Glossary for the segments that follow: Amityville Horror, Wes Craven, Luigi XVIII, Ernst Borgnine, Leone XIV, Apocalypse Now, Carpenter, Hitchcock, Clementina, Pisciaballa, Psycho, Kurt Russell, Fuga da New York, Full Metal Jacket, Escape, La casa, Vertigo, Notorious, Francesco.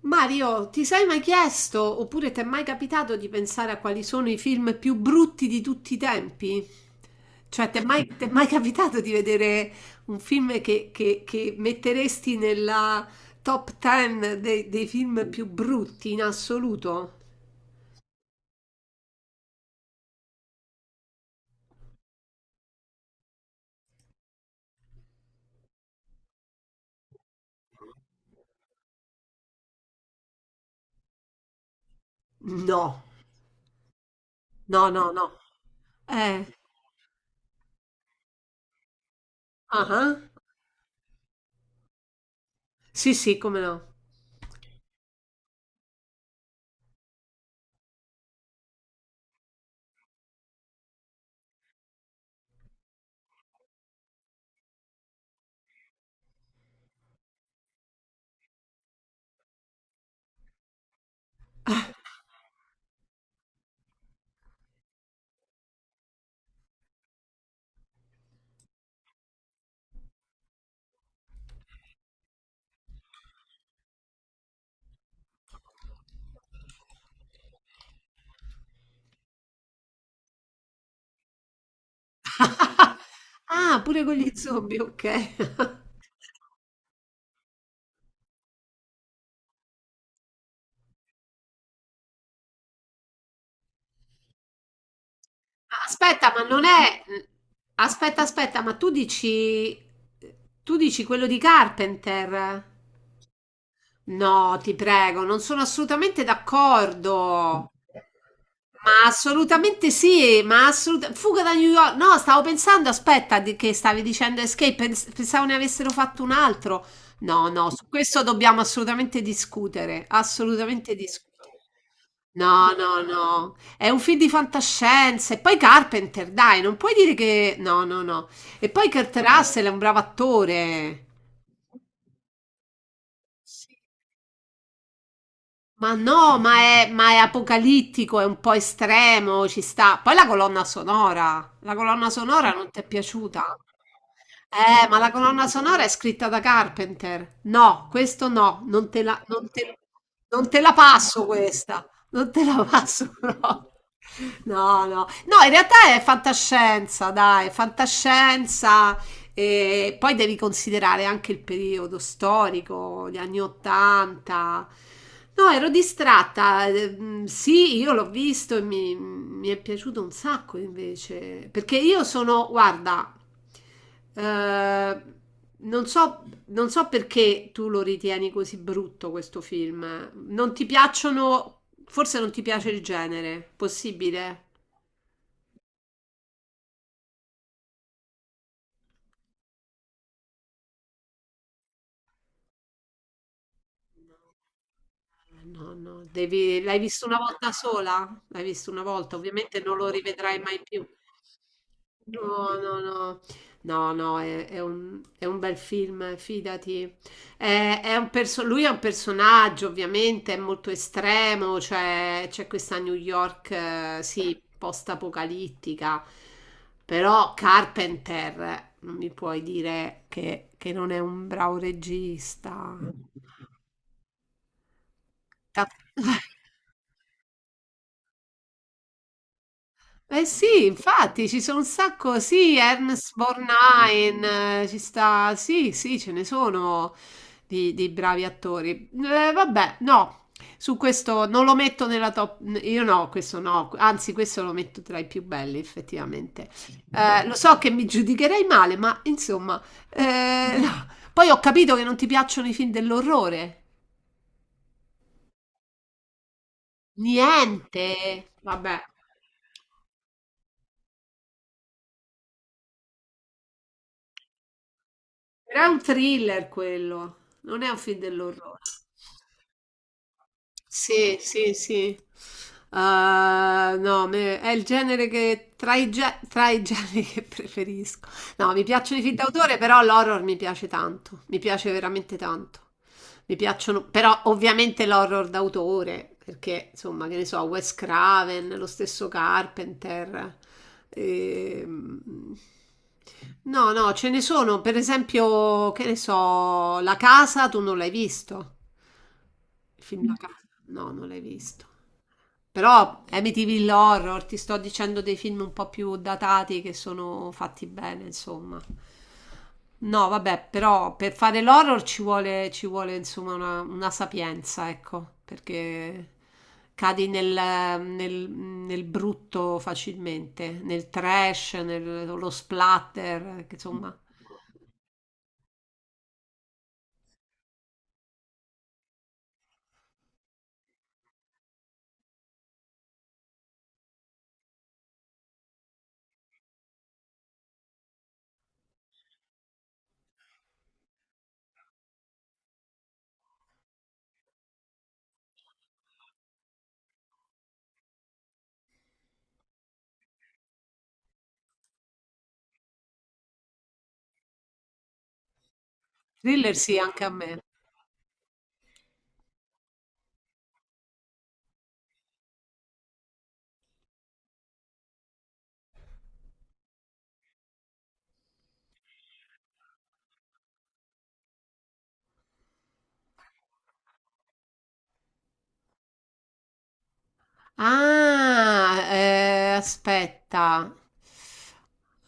Mario, ti sei mai chiesto oppure ti è mai capitato di pensare a quali sono i film più brutti di tutti i tempi? Cioè, ti è mai capitato di vedere un film che metteresti nella top 10 dei film più brutti in assoluto? No, no, no, no. Eh, ah, ah. Sì, sì, come no. Ah, pure con gli zombie, ok. Aspetta, ma non è... Aspetta, aspetta, ma tu dici... Tu dici quello di Carpenter? No, ti prego, non sono assolutamente d'accordo. Ma assolutamente sì, ma assolutamente Fuga da New York. No, stavo pensando, aspetta, che stavi dicendo Escape, pensavo ne avessero fatto un altro. No, no, su questo dobbiamo assolutamente discutere, assolutamente discutere. No, no, no, è un film di fantascienza. E poi Carpenter, dai, non puoi dire che... No, no, no. E poi Kurt Russell è un bravo attore. Ma no, ma è apocalittico, è un po' estremo, ci sta. Poi la colonna sonora non ti è piaciuta? Ma la colonna sonora è scritta da Carpenter. No, questo no, non te la passo questa, non te la passo no. No, no, no, in realtà è fantascienza, dai, fantascienza, e poi devi considerare anche il periodo storico, gli anni 80. No, ero distratta. Sì, io l'ho visto e mi è piaciuto un sacco invece. Perché io sono, guarda, eh, non so perché tu lo ritieni così brutto questo film. Non ti piacciono, forse non ti piace il genere, possibile? No, no, devi... L'hai visto una volta sola? L'hai visto una volta, ovviamente non lo rivedrai mai più. No, no, no, no, no, è un bel film, fidati. È un lui è un personaggio, ovviamente, è molto estremo, cioè c'è questa New York, sì, post-apocalittica, però Carpenter, non mi puoi dire che non è un bravo regista. Ta- Eh sì, infatti ci sono un sacco, sì, Ernst Borgnine, ci sta, sì, sì, ce ne sono di bravi attori. Vabbè, no, su questo non lo metto nella top, io no, questo no, anzi questo lo metto tra i più belli effettivamente. Lo so che mi giudicherei male, ma insomma, no. Poi ho capito che non ti piacciono i film dell'orrore. Niente, vabbè. Però è un thriller quello, non è un film dell'orrore. Sì, sì, sì. Ah, no, è il genere che tra i generi che preferisco. No, mi piacciono i film d'autore, però l'horror mi piace tanto. Mi piace veramente tanto. Mi piacciono, però ovviamente l'horror d'autore, perché insomma, che ne so, Wes Craven, lo stesso Carpenter. ehm, No, no, ce ne sono, per esempio, che ne so, La casa tu non l'hai visto. Il Film da casa. No, non l'hai visto. Però Amityville Horror, ti sto dicendo dei film un po' più datati che sono fatti bene, insomma. No, vabbè, però per fare l'horror ci vuole insomma una sapienza, ecco, perché cadi nel brutto facilmente, nel trash, nello splatter, che, insomma. Thriller sì, anche a me. Ah, aspetta.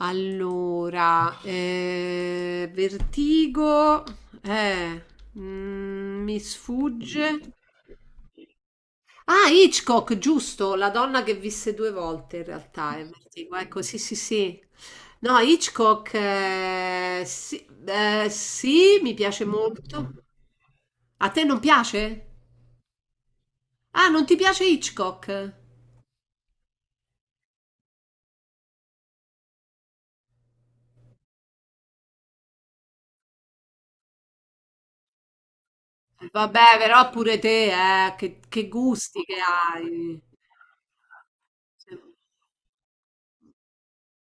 Allora, Vertigo, eh, mm, mi sfugge. Ah, Hitchcock, giusto, la donna che visse due volte in realtà, è Vertigo, ecco, sì, sì, sì. No, Hitchcock, sì, sì, mi piace molto. A te non piace? Ah, non ti piace Hitchcock? Vabbè, però pure te, che gusti che hai.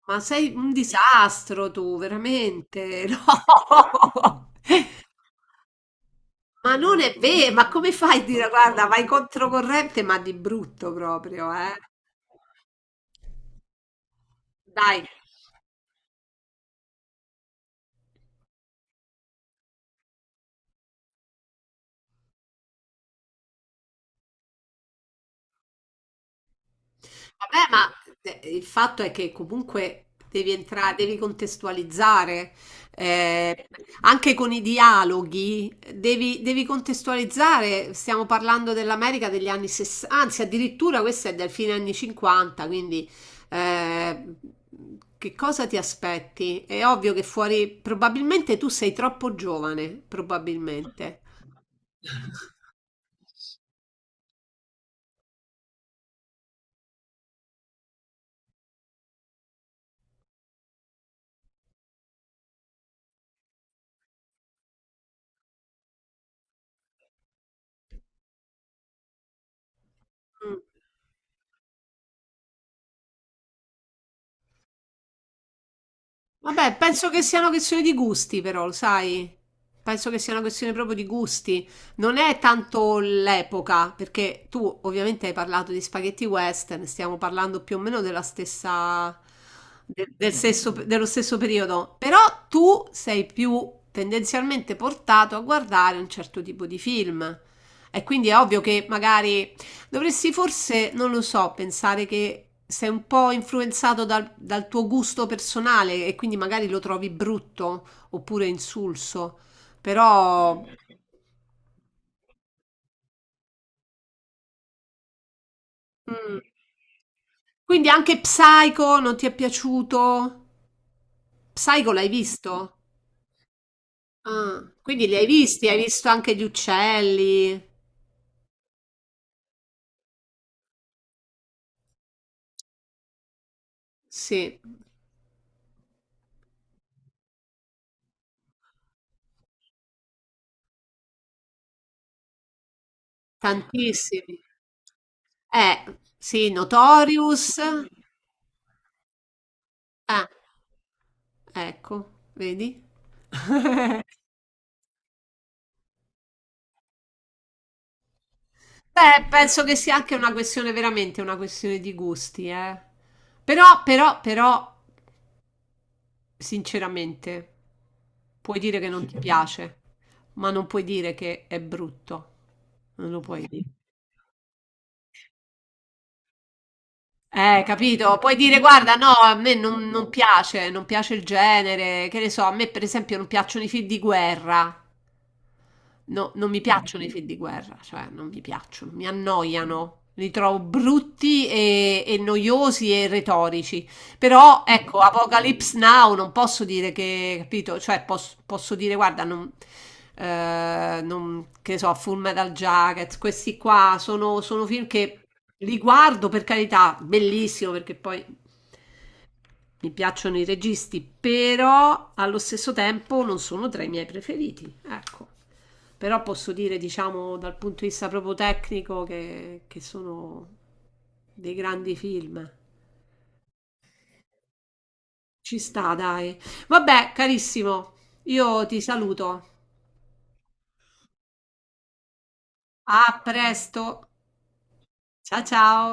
Ma sei un disastro tu, veramente. No. Ma non è vero, ma come fai a dire, guarda, vai controcorrente, ma di brutto proprio, eh? Dai. Vabbè, ma il fatto è che comunque devi entrare, devi contestualizzare, eh, anche con i dialoghi, devi contestualizzare. Stiamo parlando dell'America degli anni 60, anzi, addirittura questa è del fine anni 50, quindi eh, che cosa ti aspetti? È ovvio che fuori, probabilmente tu sei troppo giovane, probabilmente. Mm. Vabbè, penso che sia una questione di gusti, però, lo sai? Penso che sia una questione proprio di gusti. Non è tanto l'epoca, perché tu ovviamente hai parlato di spaghetti western, stiamo parlando più o meno della stessa, dello stesso periodo, però tu sei più tendenzialmente portato a guardare un certo tipo di film. E quindi è ovvio che magari dovresti forse, non lo so, pensare che sei un po' influenzato dal tuo gusto personale e quindi magari lo trovi brutto oppure insulso, però... Mm. Quindi anche Psycho non ti è piaciuto? Psycho l'hai visto? Ah, quindi li hai visti, hai visto anche gli uccelli? Sì, tantissimi. Sì, Notorious. Ah, ecco, vedi? Beh, penso che sia anche una questione, veramente una questione di gusti, eh. Però, sinceramente, puoi dire che non sì, ti piace, ma non puoi dire che è brutto. Non lo puoi dire. Capito? Puoi dire, guarda, no, a me non piace, non piace il genere, che ne so, a me per esempio non piacciono i film di guerra. No, non mi piacciono i film di guerra, cioè non mi piacciono, mi annoiano, li trovo brutti e noiosi e retorici. Però ecco, Apocalypse Now non posso dire che, capito? Cioè posso, posso dire, guarda, non, che so, Full Metal Jacket, questi qua sono, sono film che li guardo per carità, bellissimo perché poi mi piacciono i registi, però allo stesso tempo non sono tra i miei preferiti, ecco. Però posso dire, diciamo, dal punto di vista proprio tecnico, che sono dei grandi film. Ci sta, dai. Vabbè, carissimo, io ti saluto. A presto. Ciao ciao.